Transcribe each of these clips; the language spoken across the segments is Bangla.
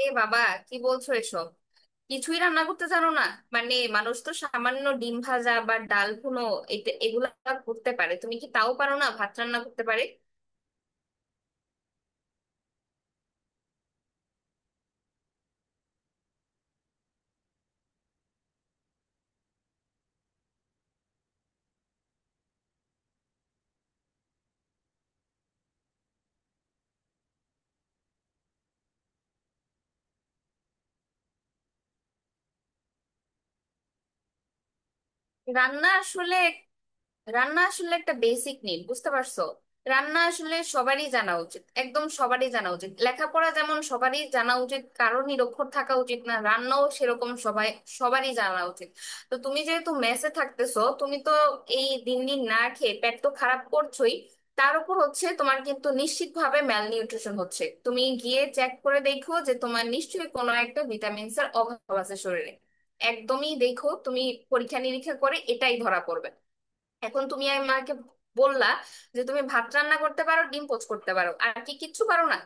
এ বাবা, কি বলছো এসব? কিছুই রান্না করতে জানো না? মানে মানুষ তো সামান্য ডিম ভাজা বা ডাল ভুনো এগুলা করতে পারে। তুমি কি তাও পারো না? ভাত রান্না করতে পারে? রান্না আসলে রান্না আসলে একটা বেসিক নিড, বুঝতে পারছো? রান্না আসলে সবারই জানা উচিত, একদম সবারই জানা উচিত। লেখাপড়া যেমন সবারই জানা উচিত, কারো নিরক্ষর থাকা উচিত না, রান্নাও সেরকম। সবারই জানা উচিত। তো তুমি যেহেতু মেসে থাকতেছো, তুমি তো এই দিন দিন না খেয়ে পেট তো খারাপ করছোই। তার উপর হচ্ছে তোমার কিন্তু নিশ্চিতভাবে ম্যালনিউট্রিশন হচ্ছে। তুমি গিয়ে চেক করে দেখো যে তোমার নিশ্চয়ই কোনো একটা ভিটামিনস এর অভাব আছে শরীরে। একদমই দেখো তুমি, পরীক্ষা নিরীক্ষা করে এটাই ধরা পড়বে। এখন তুমি আমাকে বললা যে তুমি ভাত রান্না করতে পারো, ডিম পোচ করতে পারো, আর কি কিচ্ছু পারো না।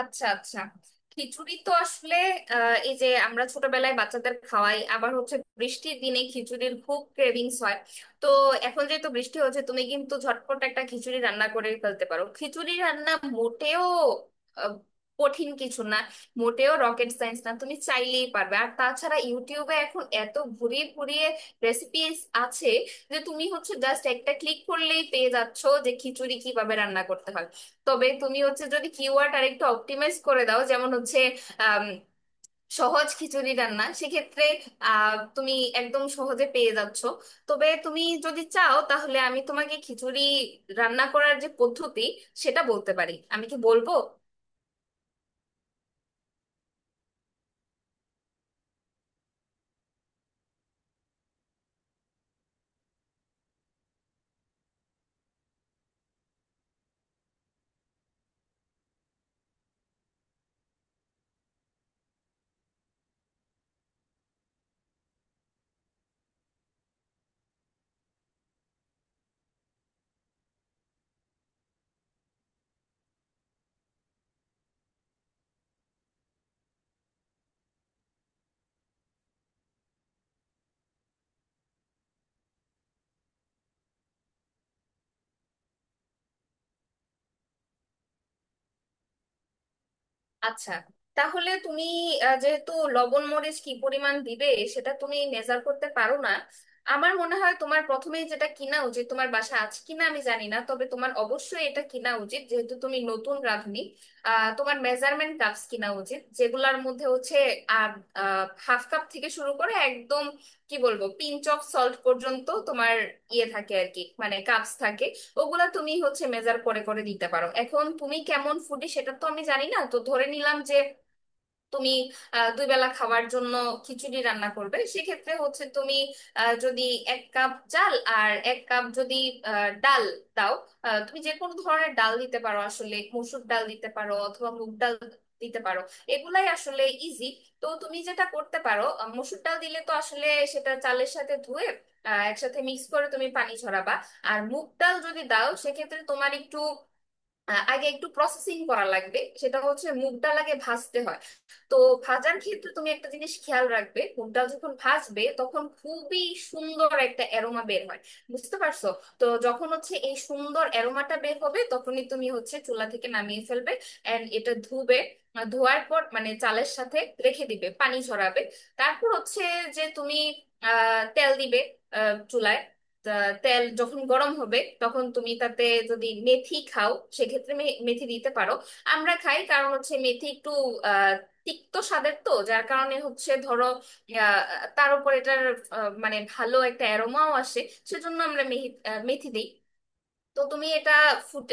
আচ্ছা আচ্ছা, খিচুড়ি তো আসলে এই যে আমরা ছোটবেলায় বাচ্চাদের খাওয়াই, আবার হচ্ছে বৃষ্টির দিনে খিচুড়ির খুব ক্রেভিংস হয়। তো এখন যেহেতু বৃষ্টি হচ্ছে, তুমি কিন্তু ঝটপট একটা খিচুড়ি রান্না করে ফেলতে পারো। খিচুড়ি রান্না মোটেও আহ, কঠিন কিছু না, মোটেও রকেট সায়েন্স না। তুমি চাইলেই পারবে। আর তাছাড়া ইউটিউবে এখন এত ঘুরিয়ে ঘুরিয়ে রেসিপিস আছে যে তুমি হচ্ছে জাস্ট একটা ক্লিক করলেই পেয়ে যাচ্ছো যে খিচুড়ি কিভাবে রান্না করতে হয়। তবে তুমি হচ্ছে যদি কিওয়ার্ড আর একটু অপটিমাইজ করে দাও, যেমন হচ্ছে আম, সহজ খিচুড়ি রান্না, সেক্ষেত্রে তুমি একদম সহজে পেয়ে যাচ্ছ। তবে তুমি যদি চাও তাহলে আমি তোমাকে খিচুড়ি রান্না করার যে পদ্ধতি সেটা বলতে পারি। আমি কি বলবো? আচ্ছা, তাহলে তুমি যেহেতু লবণ মরিচ কি পরিমাণ দিবে সেটা তুমি মেজার করতে পারো না, আমার মনে হয় তোমার প্রথমেই যেটা কিনা উচিত, তোমার বাসা আছে কিনা আমি জানি না, তবে তোমার অবশ্যই এটা কিনা উচিত, যেহেতু তুমি নতুন রাঁধুনি, তোমার মেজারমেন্ট কাপস কিনা উচিত, যেগুলার মধ্যে হচ্ছে হাফ কাপ থেকে শুরু করে একদম কি বলবো পিঞ্চ অফ সল্ট পর্যন্ত তোমার ইয়ে থাকে আর কি, মানে কাপস থাকে। ওগুলা তুমি হচ্ছে মেজার করে করে দিতে পারো। এখন তুমি কেমন ফুডি সেটা তো আমি জানি না, তো ধরে নিলাম যে তুমি দুই বেলা খাওয়ার জন্য খিচুড়ি রান্না করবে। সেক্ষেত্রে হচ্ছে তুমি যদি এক কাপ চাল আর এক কাপ যদি ডাল দাও, তুমি যে কোনো ধরনের ডাল দিতে পারো আসলে। মসুর ডাল দিতে পারো অথবা মুগ ডাল দিতে পারো। এগুলাই আসলে ইজি। তো তুমি যেটা করতে পারো, মসুর ডাল দিলে তো আসলে সেটা চালের সাথে ধুয়ে একসাথে মিক্স করে তুমি পানি ঝরাবা। আর মুগ ডাল যদি দাও সেক্ষেত্রে তোমার একটু আগে একটু প্রসেসিং করা লাগবে। সেটা হচ্ছে মুগ ডাল আগে ভাজতে হয়। তো ভাজার ক্ষেত্রে তুমি একটা জিনিস খেয়াল রাখবে, মুগ ডাল যখন ভাজবে তখন খুবই সুন্দর একটা অ্যারোমা বের হয়, বুঝতে পারছো? তো যখন হচ্ছে এই সুন্দর অ্যারোমাটা বের হবে তখনই তুমি হচ্ছে চুলা থেকে নামিয়ে ফেলবে এন্ড এটা ধুবে। ধোয়ার পর মানে চালের সাথে রেখে দিবে, পানি ঝরাবে। তারপর হচ্ছে যে তুমি আহ তেল দিবে চুলায়। তা- তেল যখন গরম হবে তখন তুমি তাতে যদি মেথি খাও সেক্ষেত্রে মেথি দিতে পারো। আমরা খাই, কারণ হচ্ছে মেথি একটু আহ, তিক্ত স্বাদের। তো যার কারণে হচ্ছে ধরো আহ, তার উপর এটার মানে ভালো একটা অ্যারোমাও আসে, সেজন্য আমরা মেহি মেথি দিই। তো তুমি এটা ফুট।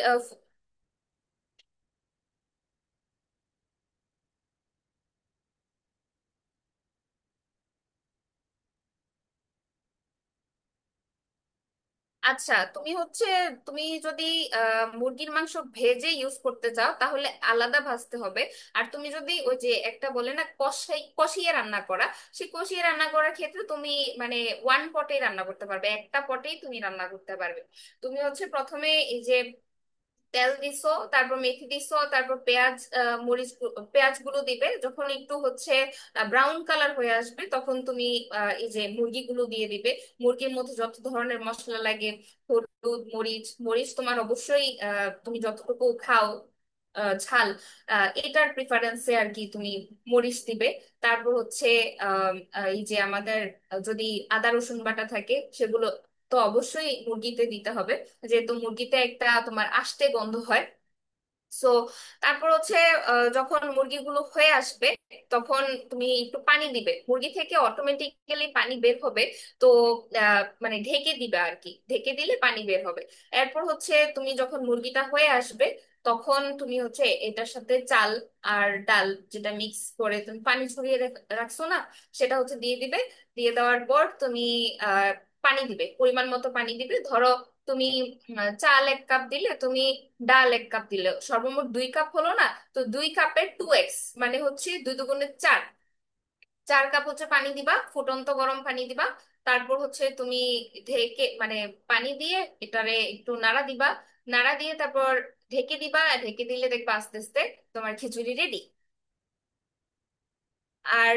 আচ্ছা তুমি হচ্ছে তুমি যদি মুরগির মাংস ভেজে ইউজ করতে চাও তাহলে আলাদা ভাজতে হবে। আর তুমি যদি ওই যে একটা বলে না কষাই কষিয়ে রান্না করা, সেই কষিয়ে রান্না করার ক্ষেত্রে তুমি মানে ওয়ান পটে রান্না করতে পারবে, একটা পটেই তুমি রান্না করতে পারবে। তুমি হচ্ছে প্রথমে এই যে তেল দিছো, তারপর মেথি দিছো, তারপর পেঁয়াজ পেঁয়াজ গুলো দিবে। যখন একটু হচ্ছে ব্রাউন কালার হয়ে আসবে তখন তুমি এই যে মুরগিগুলো দিয়ে দিবে। মুরগির মধ্যে যত ধরনের মশলা লাগে, হলুদ মরিচ মরিচ তোমার অবশ্যই, তুমি যতটুকু খাও ঝাল, এটার প্রিফারেন্সে আর কি, তুমি মরিচ দিবে। তারপর হচ্ছে এই যে আমাদের যদি আদা রসুন বাটা থাকে, সেগুলো তো অবশ্যই মুরগিতে দিতে হবে, যেহেতু মুরগিতে একটা তোমার আষ্টে গন্ধ হয়। সো তারপর হচ্ছে যখন মুরগিগুলো হয়ে আসবে তখন তুমি একটু পানি দিবে, মুরগি থেকে অটোমেটিক্যালি পানি বের হবে। তো মানে ঢেকে দিবে আর কি, ঢেকে দিলে পানি বের হবে। এরপর হচ্ছে তুমি যখন মুরগিটা হয়ে আসবে তখন তুমি হচ্ছে এটার সাথে চাল আর ডাল যেটা মিক্স করে তুমি পানি ছড়িয়ে রাখছো না, সেটা হচ্ছে দিয়ে দিবে। দিয়ে দেওয়ার পর তুমি আহ পানি দিবে, পরিমাণ মতো পানি দিবে। ধরো তুমি চাল এক কাপ দিলে, তুমি ডাল এক কাপ দিলে, সর্বমোট দুই কাপ হলো না? তো দুই কাপের টু এক্স মানে হচ্ছে দুই দুগুণে চার, চার কাপ হচ্ছে পানি দিবা, ফুটন্ত গরম পানি দিবা। তারপর হচ্ছে তুমি ঢেকে মানে পানি দিয়ে এটারে একটু নাড়া দিবা, নাড়া দিয়ে তারপর ঢেকে দিবা, আর ঢেকে দিলে দেখবা আস্তে আস্তে তোমার খিচুড়ি রেডি। আর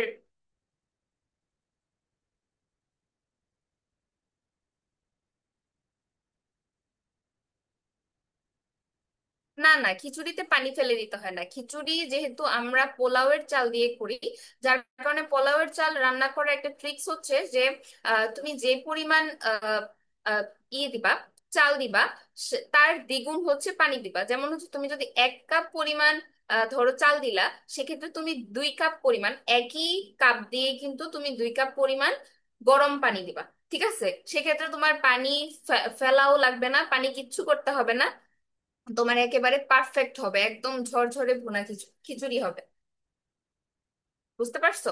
না না, খিচুড়িতে পানি ফেলে দিতে হয় না। খিচুড়ি যেহেতু আমরা পোলাওয়ের চাল দিয়ে করি, যার কারণে পোলাওয়ের চাল রান্না করার একটা ট্রিক্স হচ্ছে যে তুমি যে পরিমাণ আহ, আহ, ইয়ে দিবা, চাল দিবা, তার দ্বিগুণ হচ্ছে পানি দিবা। যেমন হচ্ছে তুমি যদি এক কাপ পরিমাণ ধরো চাল দিলা, সেক্ষেত্রে তুমি দুই কাপ পরিমাণ, একই কাপ দিয়ে কিন্তু তুমি দুই কাপ পরিমাণ গরম পানি দিবা, ঠিক আছে? সেক্ষেত্রে তোমার পানি ফেলাও লাগবে না, পানি কিচ্ছু করতে হবে না। তোমার একেবারে পারফেক্ট হবে, একদম ঝরঝরে ভুনা খিচুড়ি হবে, বুঝতে পারছো?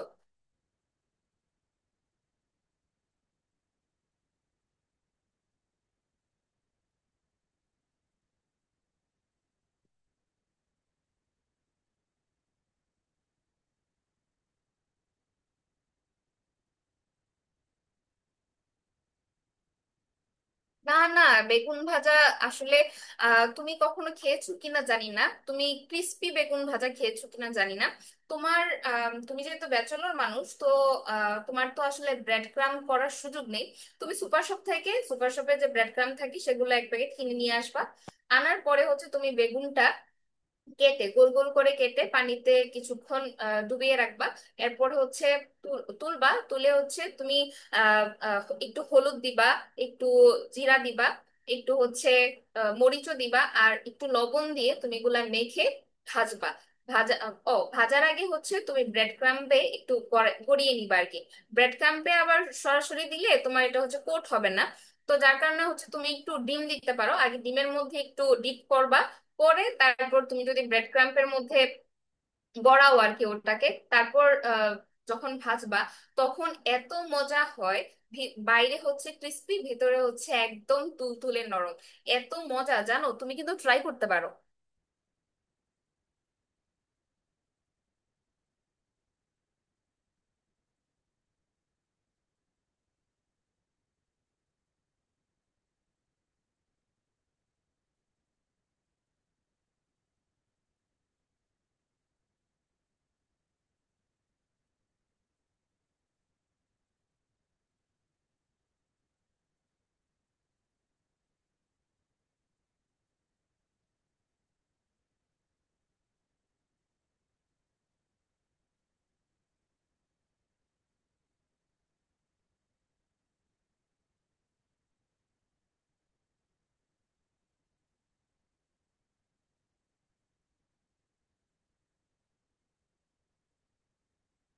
না না, বেগুন ভাজা আসলে তুমি কখনো খেয়েছো কিনা জানি না, তুমি ক্রিস্পি বেগুন ভাজা খেয়েছো কিনা জানি না। তোমার তুমি যেহেতু ব্যাচেলর মানুষ, তো তোমার তো আসলে ব্রেড ক্রাম করার সুযোগ নেই। তুমি সুপার শপ থেকে, সুপার শপে যে ব্রেড ক্রাম থাকে সেগুলো এক প্যাকেট কিনে নিয়ে আসবা। আনার পরে হচ্ছে তুমি বেগুনটা কেটে, গোল গোল করে কেটে, পানিতে কিছুক্ষণ ডুবিয়ে রাখবা। এরপর হচ্ছে তুলবা, তুলে হচ্ছে তুমি আহ, আহ, একটু হলুদ দিবা, একটু জিরা দিবা, একটু হচ্ছে মরিচও দিবা, আর একটু লবণ দিয়ে তুমি এগুলা মেখে ভাজবা। ভাজা ও ভাজার আগে হচ্ছে তুমি ব্রেড ক্রাম্বে একটু গড়িয়ে নিবা আর কি। ব্রেড ক্রাম্বে আবার সরাসরি দিলে তোমার এটা হচ্ছে কোট হবে না। তো যার কারণে হচ্ছে তুমি একটু ডিম দিতে পারো, আগে ডিমের মধ্যে একটু ডিপ করবা, পরে তারপর তুমি যদি ব্রেড ক্রাম্পের মধ্যে বড়াও আর কি ওটাকে, তারপর যখন ভাজবা তখন এত মজা হয়। বাইরে হচ্ছে ক্রিস্পি, ভেতরে হচ্ছে একদম তুলতুলে নরম। এত মজা জানো, তুমি কিন্তু ট্রাই করতে পারো।